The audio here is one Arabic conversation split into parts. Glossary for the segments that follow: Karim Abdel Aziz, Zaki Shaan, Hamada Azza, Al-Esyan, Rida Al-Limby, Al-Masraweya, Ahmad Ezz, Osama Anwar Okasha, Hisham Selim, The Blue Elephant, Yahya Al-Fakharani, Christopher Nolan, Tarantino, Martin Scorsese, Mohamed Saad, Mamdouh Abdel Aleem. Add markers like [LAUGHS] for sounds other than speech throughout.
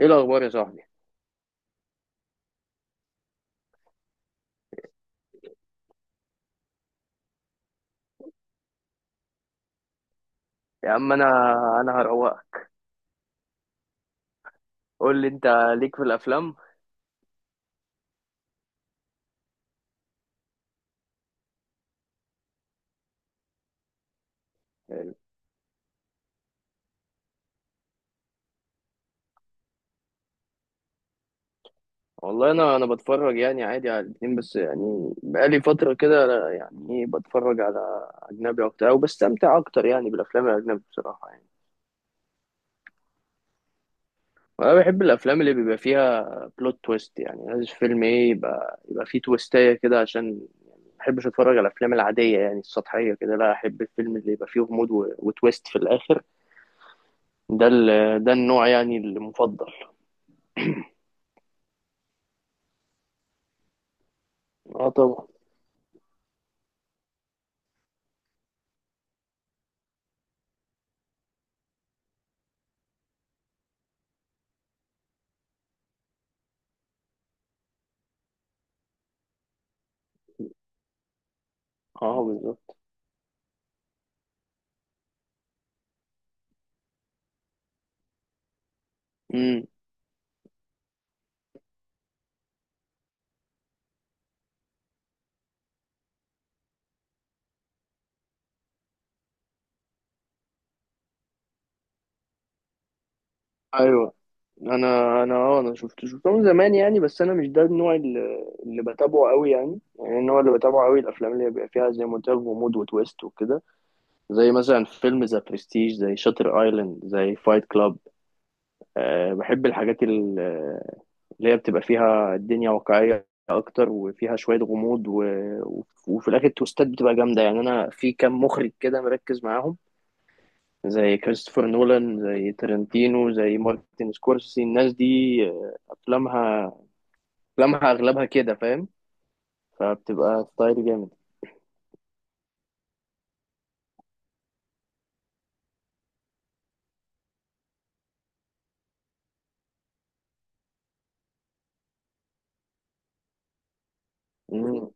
ايه الاخبار يا صاحبي؟ يا عم انا هروقك. قول لي انت، ليك في الافلام؟ والله انا بتفرج يعني عادي على الاتنين، بس يعني بقالي فتره كده يعني ايه، بتفرج على اجنبي اكتر او بستمتع اكتر يعني بالافلام الاجنبي بصراحه يعني. وانا بحب الافلام اللي بيبقى فيها بلوت تويست، يعني لازم فيلم ايه يبقى فيه تويستايه كده، عشان يعني ما بحبش اتفرج على الافلام العاديه يعني السطحيه كده، لا، احب الفيلم اللي يبقى فيه غموض وتويست في الاخر. ده ده النوع يعني المفضل. اه طبعا. اه بالظبط. امم. ايوه. انا شفت شفته من زمان يعني، بس انا مش ده النوع اللي بتابعه قوي يعني، يعني النوع اللي بتابعه قوي الافلام اللي بيبقى فيها زي ما قلت لك غموض وتويست وكده، زي مثلا فيلم ذا برستيج، زي شاتر ايلاند، زي فايت كلاب. أه بحب الحاجات اللي هي بتبقى فيها الدنيا واقعية اكتر، وفيها شوية غموض وفي الاخر التويستات بتبقى جامدة. يعني انا في كام مخرج كده مركز معاهم، زي كريستوفر نولان، زي ترنتينو، زي مارتن سكورسي، الناس دي افلامها، افلامها اغلبها كده، فاهم؟ فبتبقى ستايل جامد. مم.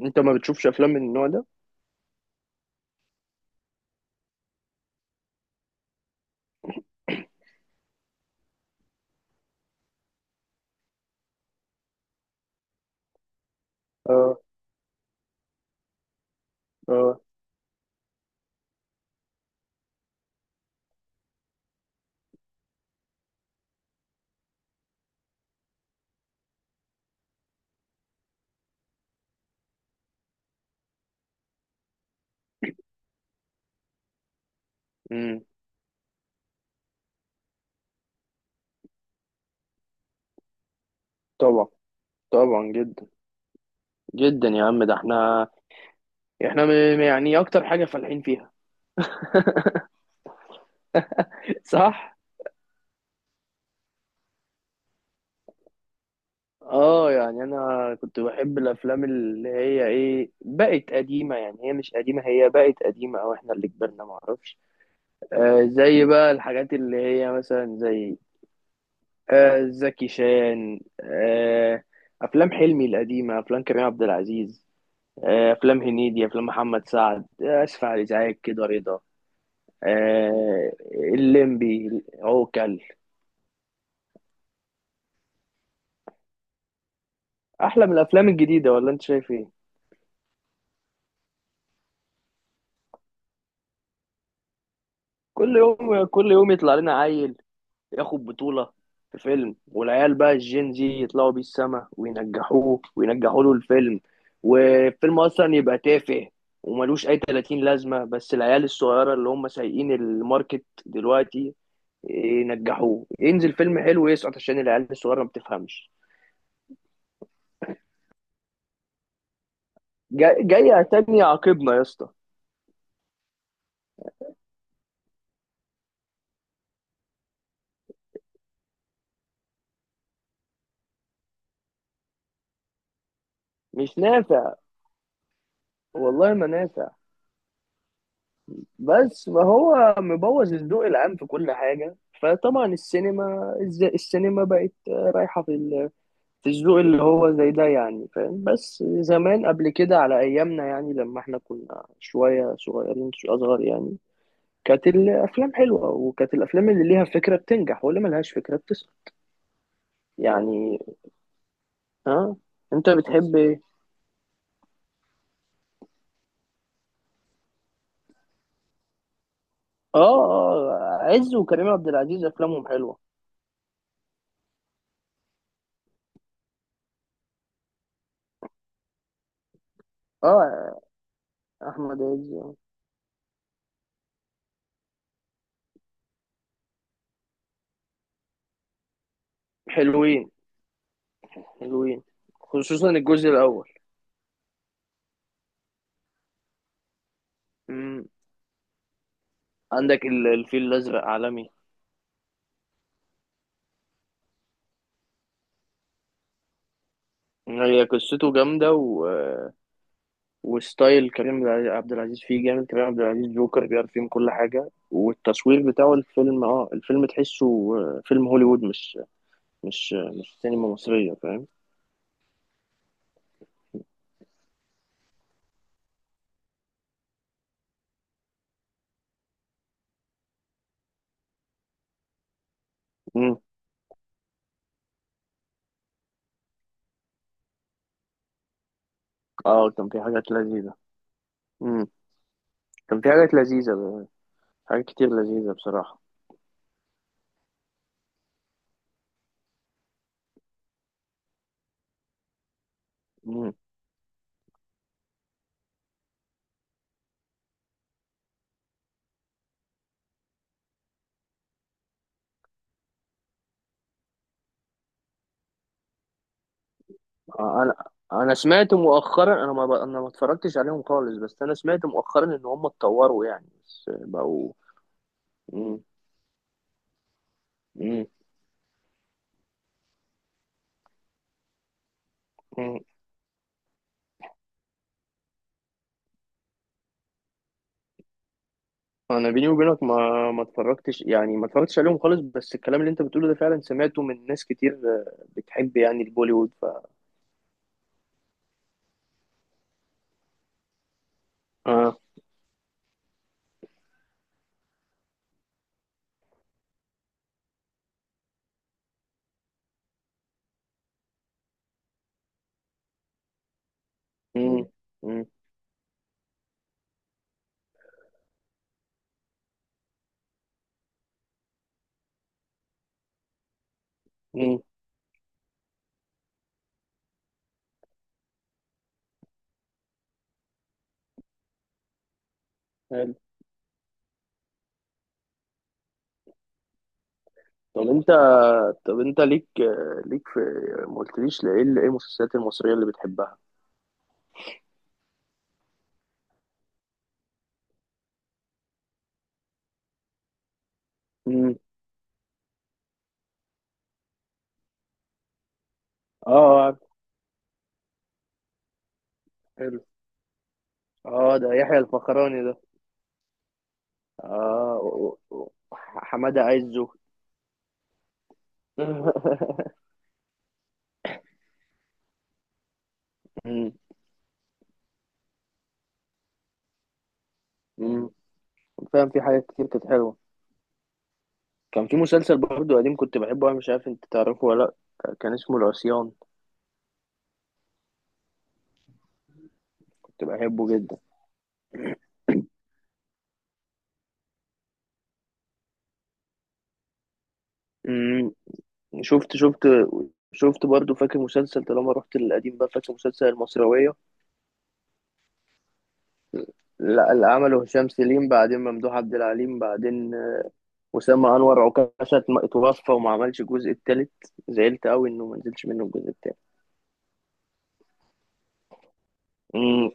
انت ما بتشوفش افلام من النوع ده؟ اه. اه. امم. طبعا. طبعا جدا، جدا يا عم. ده احنا احنا يعني اكتر حاجة فالحين فيها. [LAUGHS] صح. اه يعني انا كنت بحب الافلام اللي هي ايه، بقت قديمة، يعني هي مش قديمة، هي بقت قديمة او احنا اللي كبرنا، معرفش. آه زي بقى الحاجات اللي هي مثلا زي، آه زكي شان، آه افلام حلمي القديمه، افلام كريم عبد العزيز، آه افلام هنيدي، افلام محمد سعد. آه اسف على الازعاج كده رضا. آه الليمبي، عوكل. احلى من الافلام الجديده ولا انت شايف ايه؟ كل يوم، كل يوم يطلع لنا عيل ياخد بطولة في فيلم، والعيال بقى الجين زي يطلعوا بيه السما وينجحوه وينجحوا له الفيلم، والفيلم أصلا يبقى تافه وملوش أي 30 لازمة، بس العيال الصغيرة اللي هم سايقين الماركت دلوقتي ينجحوه. ينزل فيلم حلو يسقط عشان العيال الصغيرة ما بتفهمش. جاي جاي عتاني عاقبنا يا اسطى. مش نافع، والله ما نافع. بس ما هو مبوظ الذوق العام في كل حاجة. فطبعا السينما السينما بقت رايحة في ال الذوق اللي هو زي ده يعني، فاهم؟ بس زمان قبل كده على ايامنا يعني، لما احنا كنا شويه صغيرين، شويه اصغر يعني، كانت الافلام حلوه، وكانت الافلام اللي ليها فكره بتنجح واللي ملهاش فكره بتسقط يعني. ها، انت بتحب ايه؟ اه. اه عز وكريم عبد العزيز افلامهم حلوه. اه احمد عز. حلوين، حلوين، خصوصا الجزء الاول. امم. عندك الفيل الازرق عالمي. هي قصته جامده، و وستايل كريم عبد العزيز فيه جامد، كريم عبد العزيز جوكر بيعرف يعمل كل حاجة، والتصوير بتاعه الفيلم، اه الفيلم تحسه آه، فيلم هوليوود، مش مش مش سينما مصرية، فاهم؟ مم. اه كان في حاجات لذيذة. مم. كان في حاجات لذيذة حاجات كتير لذيذة بصراحة. مم. آه، انا انا مؤخرا، انا ما اتفرجتش عليهم خالص، بس انا سمعت مؤخرا ان هم اتطوروا يعني، بس بقوا. مم. مم. انا بيني وبينك ما اتفرجتش يعني، ما اتفرجتش عليهم خالص، بس الكلام اللي انت بتقوله ده فعلا سمعته من ناس كتير آه، بتحب يعني البوليوود، ف اه. امم. امم. امم. حلو. طب انت، طب انت ليك آه، ليك في، ما قلتليش ايه المسلسلات المصرية اللي بتحبها؟ امم. اه عارف. حلو. اه ده يحيى الفخراني ده. اه حمادة عزه. [LAUGHS] امم. امم. فاهم، في حاجات كتير كانت حلوة. كان في مسلسل برضه قديم كنت بحبه أنا، مش عارف أنت تعرفه ولا، لأ كان اسمه العصيان، كنت بحبه جدا. امم. شفت شفت، شفت برضه فاكر مسلسل، طالما رحت للقديم بقى، فاكر مسلسل المصراوية؟ لا اللي عمله هشام سليم بعدين ممدوح عبد العليم، بعدين أسامة أنور عكاشة اتوفى وما عملش الجزء التالت، زعلت أوي إنه ما نزلش منه الجزء التالت. امم.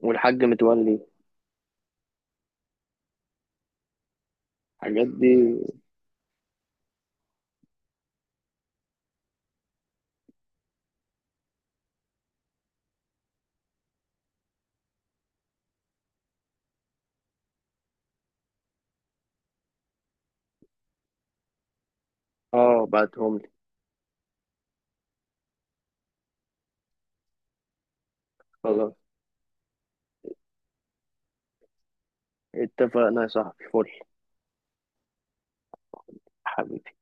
والحاج متولي، الحاجات دي. اه بعتهم لي. خلاص، اتفقنا يا صاحبي، فل. حبيبي.